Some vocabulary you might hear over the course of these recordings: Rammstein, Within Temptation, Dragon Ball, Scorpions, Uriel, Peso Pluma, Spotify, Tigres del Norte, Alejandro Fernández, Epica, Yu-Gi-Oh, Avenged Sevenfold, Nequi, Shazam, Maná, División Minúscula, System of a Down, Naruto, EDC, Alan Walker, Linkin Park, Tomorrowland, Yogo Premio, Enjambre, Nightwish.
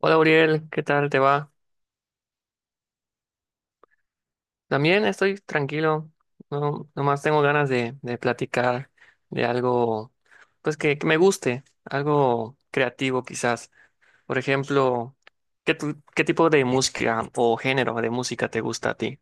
Hola Uriel, ¿qué tal te va? También estoy tranquilo, no, nomás tengo ganas de platicar de algo, pues que me guste, algo creativo quizás. Por ejemplo, qué tipo de música o género de música te gusta a ti?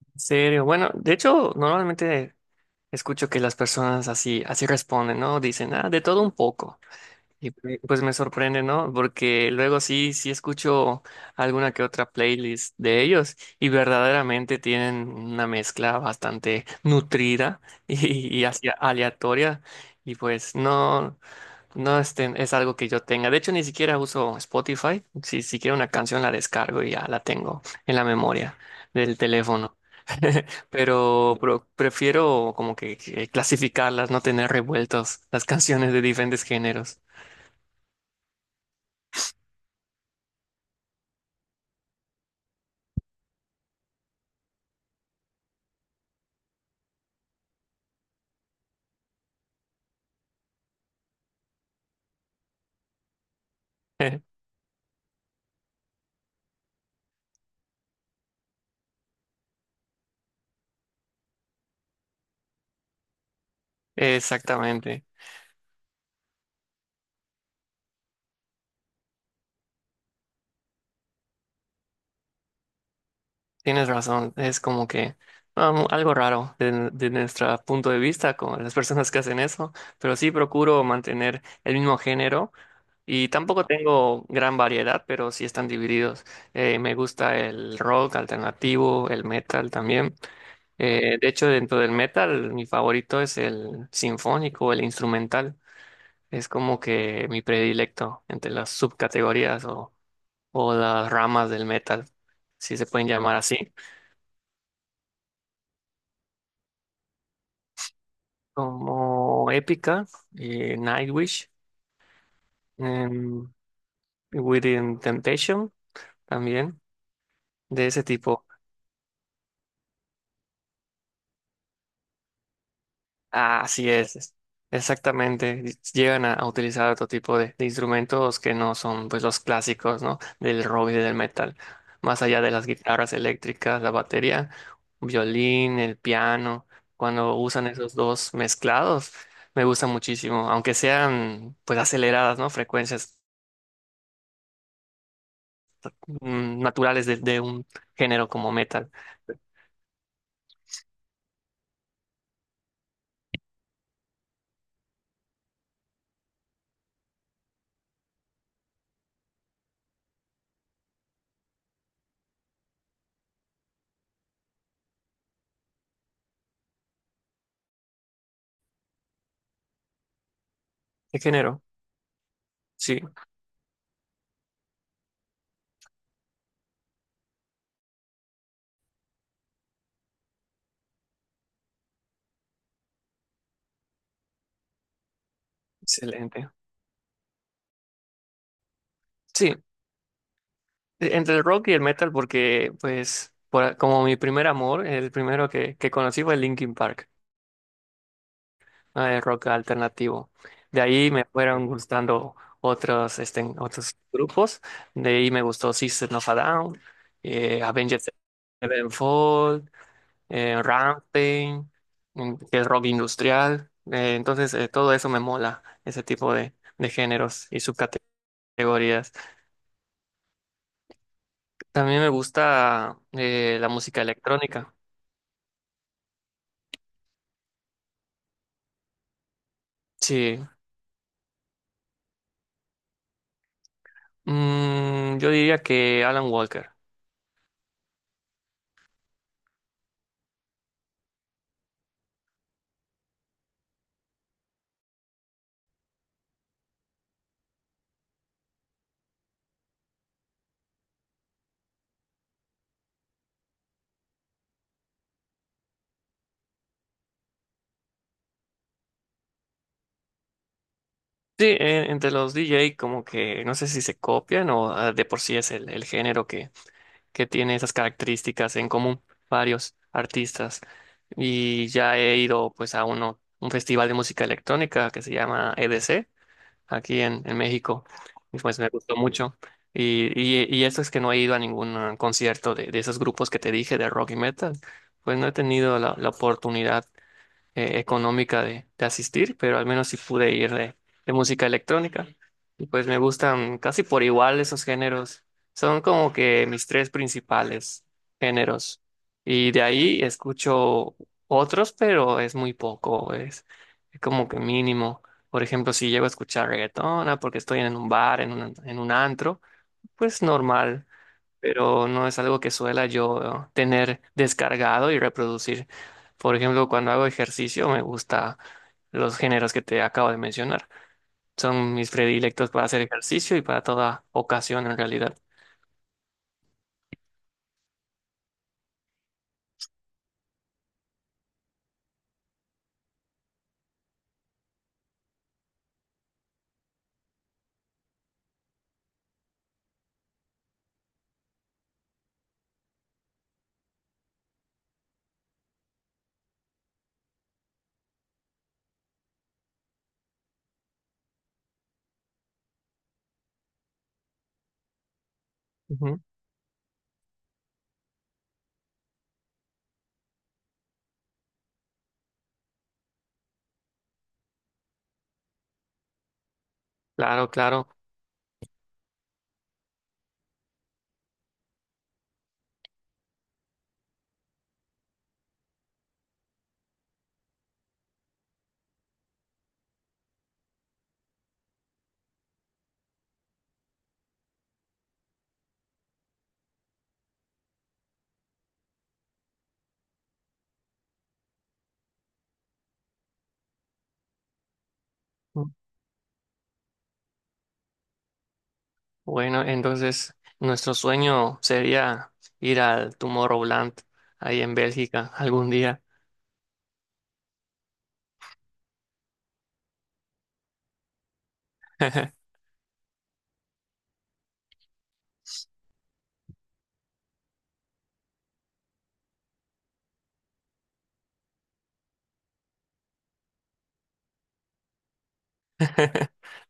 ¿En serio? Bueno, de hecho, normalmente escucho que las personas así responden, ¿no? Dicen, ah, de todo un poco. Y pues me sorprende, ¿no? Porque luego sí escucho alguna que otra playlist de ellos y verdaderamente tienen una mezcla bastante nutrida y así aleatoria. Y pues no, es algo que yo tenga. De hecho, ni siquiera uso Spotify. Si quiero una canción, la descargo y ya la tengo en la memoria del teléfono. Pero, prefiero como que clasificarlas, no tener revueltos las canciones de diferentes géneros. Exactamente, tienes razón, es como que algo raro de nuestro punto de vista con las personas que hacen eso, pero sí procuro mantener el mismo género y tampoco tengo gran variedad, pero sí están divididos. Me gusta el rock alternativo, el metal también. De hecho, dentro del metal, mi favorito es el sinfónico, el instrumental. Es como que mi predilecto entre las subcategorías o las ramas del metal, si se pueden llamar así, como Epica, Nightwish, em, Within Temptation, también de ese tipo. Ah, así es, exactamente. Llegan a utilizar otro tipo de instrumentos que no son pues los clásicos, ¿no? Del rock y del metal. Más allá de las guitarras eléctricas, la batería, violín, el piano. Cuando usan esos dos mezclados, me gusta muchísimo, aunque sean pues aceleradas, ¿no? Frecuencias naturales de un género como metal. ¿Qué género? Sí, excelente. Sí. Entre el rock y el metal, porque, pues, por como mi primer amor, el primero que conocí fue Linkin Park, ah, el rock alternativo. De ahí me fueron gustando otros, este, otros grupos. De ahí me gustó System of a Down, Avenged Sevenfold, Rammstein, que es rock industrial. Entonces, todo eso me mola, ese tipo de géneros y subcategorías. También me gusta la música electrónica. Sí, yo diría que Alan Walker. Sí, entre los DJ como que no sé si se copian o ah, de por sí es el género que tiene esas características en común varios artistas. Y ya he ido pues a uno, un festival de música electrónica que se llama EDC aquí en México y pues me gustó mucho. Y eso es que no he ido a ningún ah, concierto de esos grupos que te dije de rock y metal. Pues no he tenido la la oportunidad. Económica de asistir, pero al menos sí pude ir de música electrónica. Y pues me gustan casi por igual esos géneros. Son como que mis tres principales géneros. Y de ahí escucho otros, pero es muy poco, es como que mínimo. Por ejemplo, si llego a escuchar reggaetona porque estoy en un bar, en un antro, pues normal pero no es algo que suela yo tener descargado y reproducir. Por ejemplo, cuando hago ejercicio me gusta los géneros que te acabo de mencionar. Son mis predilectos para hacer ejercicio y para toda ocasión en realidad. Ujú. Claro, claro. Mm. Bueno, entonces nuestro sueño sería ir al Tomorrowland ahí en Bélgica algún día.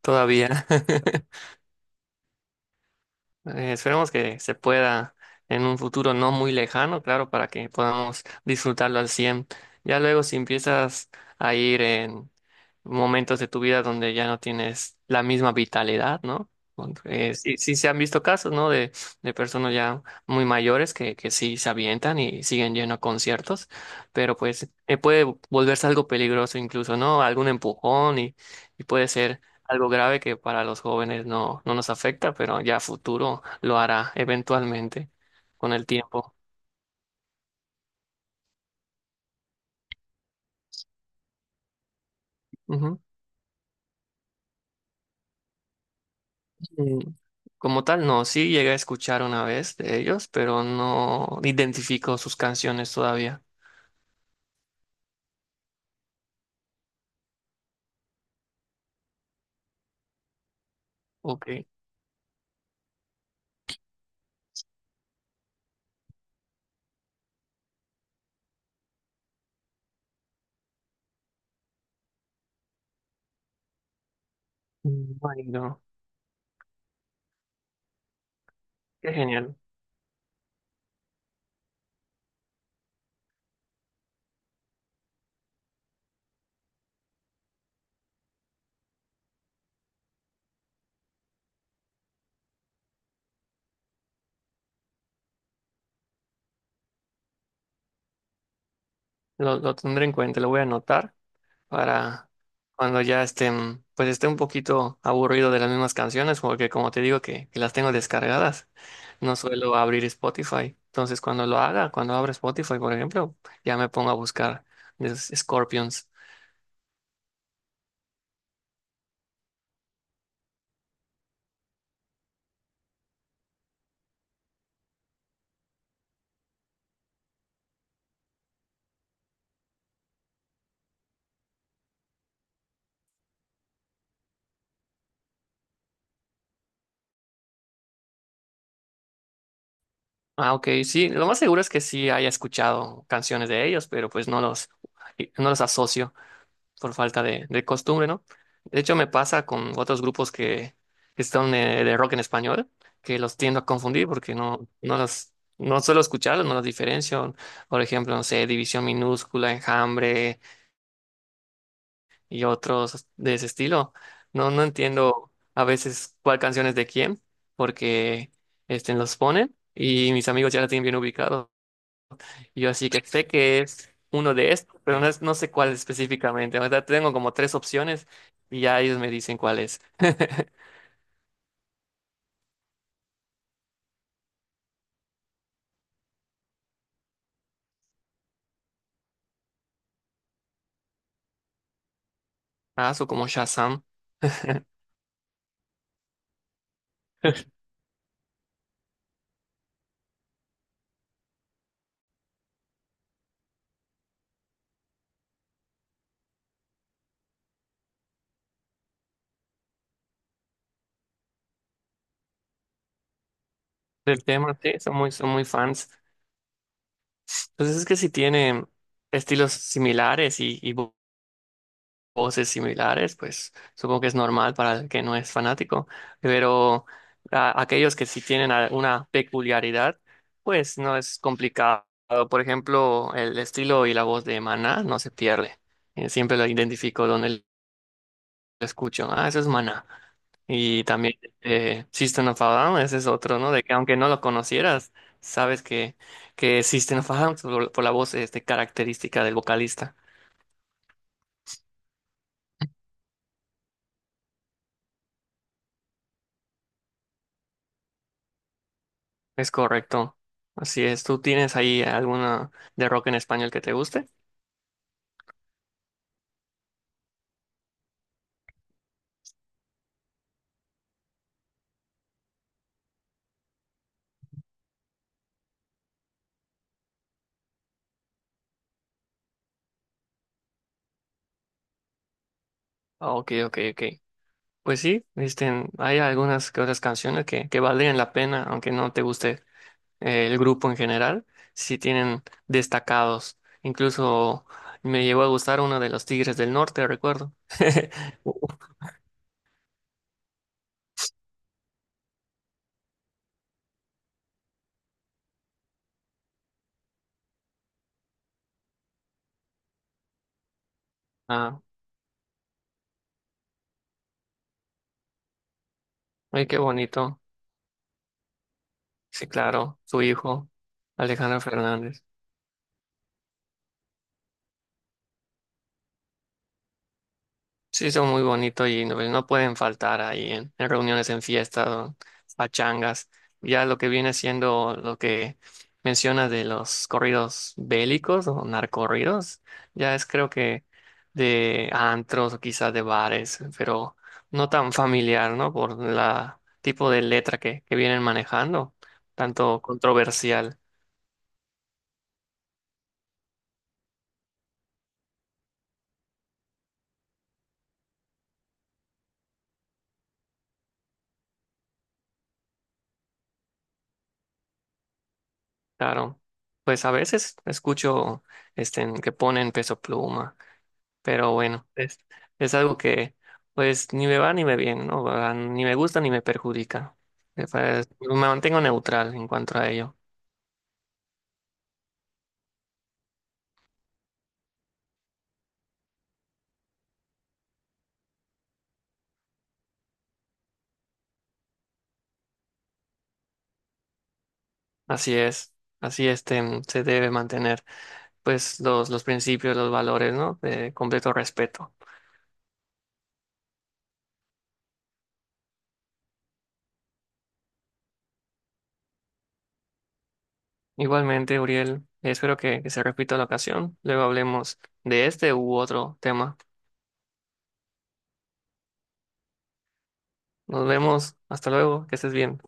Todavía. Esperemos que se pueda en un futuro no muy lejano, claro, para que podamos disfrutarlo al 100. Ya luego si empiezas a ir en momentos de tu vida donde ya no tienes la misma vitalidad, ¿no? Sí, sí se han visto casos, ¿no? De personas ya muy mayores que sí se avientan y siguen yendo a conciertos, pero pues puede volverse algo peligroso incluso, ¿no? Algún empujón y puede ser algo grave que para los jóvenes no, no nos afecta, pero ya a futuro lo hará eventualmente con el tiempo. Ujú. Mm, Como tal, no, sí llegué a escuchar una vez de ellos, pero no identifico sus canciones todavía. Ok. Bueno, qué genial. Lo tendré en cuenta, lo voy a anotar para cuando ya estén, pues esté un poquito aburrido de las mismas canciones, porque como te digo que las tengo descargadas, no suelo abrir Spotify. Entonces, cuando lo haga, cuando abra Spotify, por ejemplo, ya me pongo a buscar de los Scorpions. Ah, ok, sí, lo más seguro es que sí haya escuchado canciones de ellos, pero pues no los, no los asocio por falta de costumbre, ¿no? De hecho, me pasa con otros grupos que son de rock en español, que los tiendo a confundir porque no, no los, no suelo escucharlos, no los diferencio. Por ejemplo, no sé, División Minúscula, Enjambre y otros de ese estilo. No, no entiendo a veces cuál canción es de quién, porque este, los ponen y mis amigos ya la tienen bien ubicado. Y yo así que sé que es uno de estos, pero no, no sé cuál específicamente. O sea, tengo como tres opciones y ya ellos me dicen cuál es. Ah, o como Shazam del tema, sí, son muy fans. Entonces es que si tienen estilos similares y voces similares, pues supongo que es normal para el que no es fanático, pero aquellos que sí tienen alguna peculiaridad, pues no es complicado. Por ejemplo, el estilo y la voz de Maná no se pierde. Siempre lo identifico donde lo escucho. Ah, eso es Maná. Y también System of a Down, ese es otro, ¿no? De que aunque no lo conocieras, sabes que es System of a Down por la voz este, característica del vocalista. Es correcto. Así es. ¿Tú tienes ahí alguna de rock en español que te guste? Ah, ok, ok, ok. Pues sí, viste, hay algunas que otras canciones que valen la pena, aunque no te guste el grupo en general, sí tienen destacados. Incluso me llegó a gustar uno de los Tigres del Norte, recuerdo. Ah, ay, qué bonito. Sí, claro, su hijo, Alejandro Fernández. Sí, son muy bonitos y no, pues, no pueden faltar ahí en reuniones, en fiestas, o pachangas. Ya lo que viene siendo lo que mencionas de los corridos bélicos o narcorridos, ya es creo que de antros o quizás de bares, pero no tan familiar, ¿no? Por la tipo de letra que vienen manejando, tanto controversial. Claro, pues a veces escucho este, en que ponen Peso Pluma, pero bueno, es algo que pues ni me va ni me viene, ¿no? Va, ni me gusta ni me perjudica. Pues, me mantengo neutral en cuanto a ello. Así es, así este, se debe mantener pues los principios, los valores, ¿no? De completo respeto. Igualmente, Uriel, espero que se repita la ocasión. Luego hablemos de este u otro tema. Nos vemos, hasta luego, que estés bien.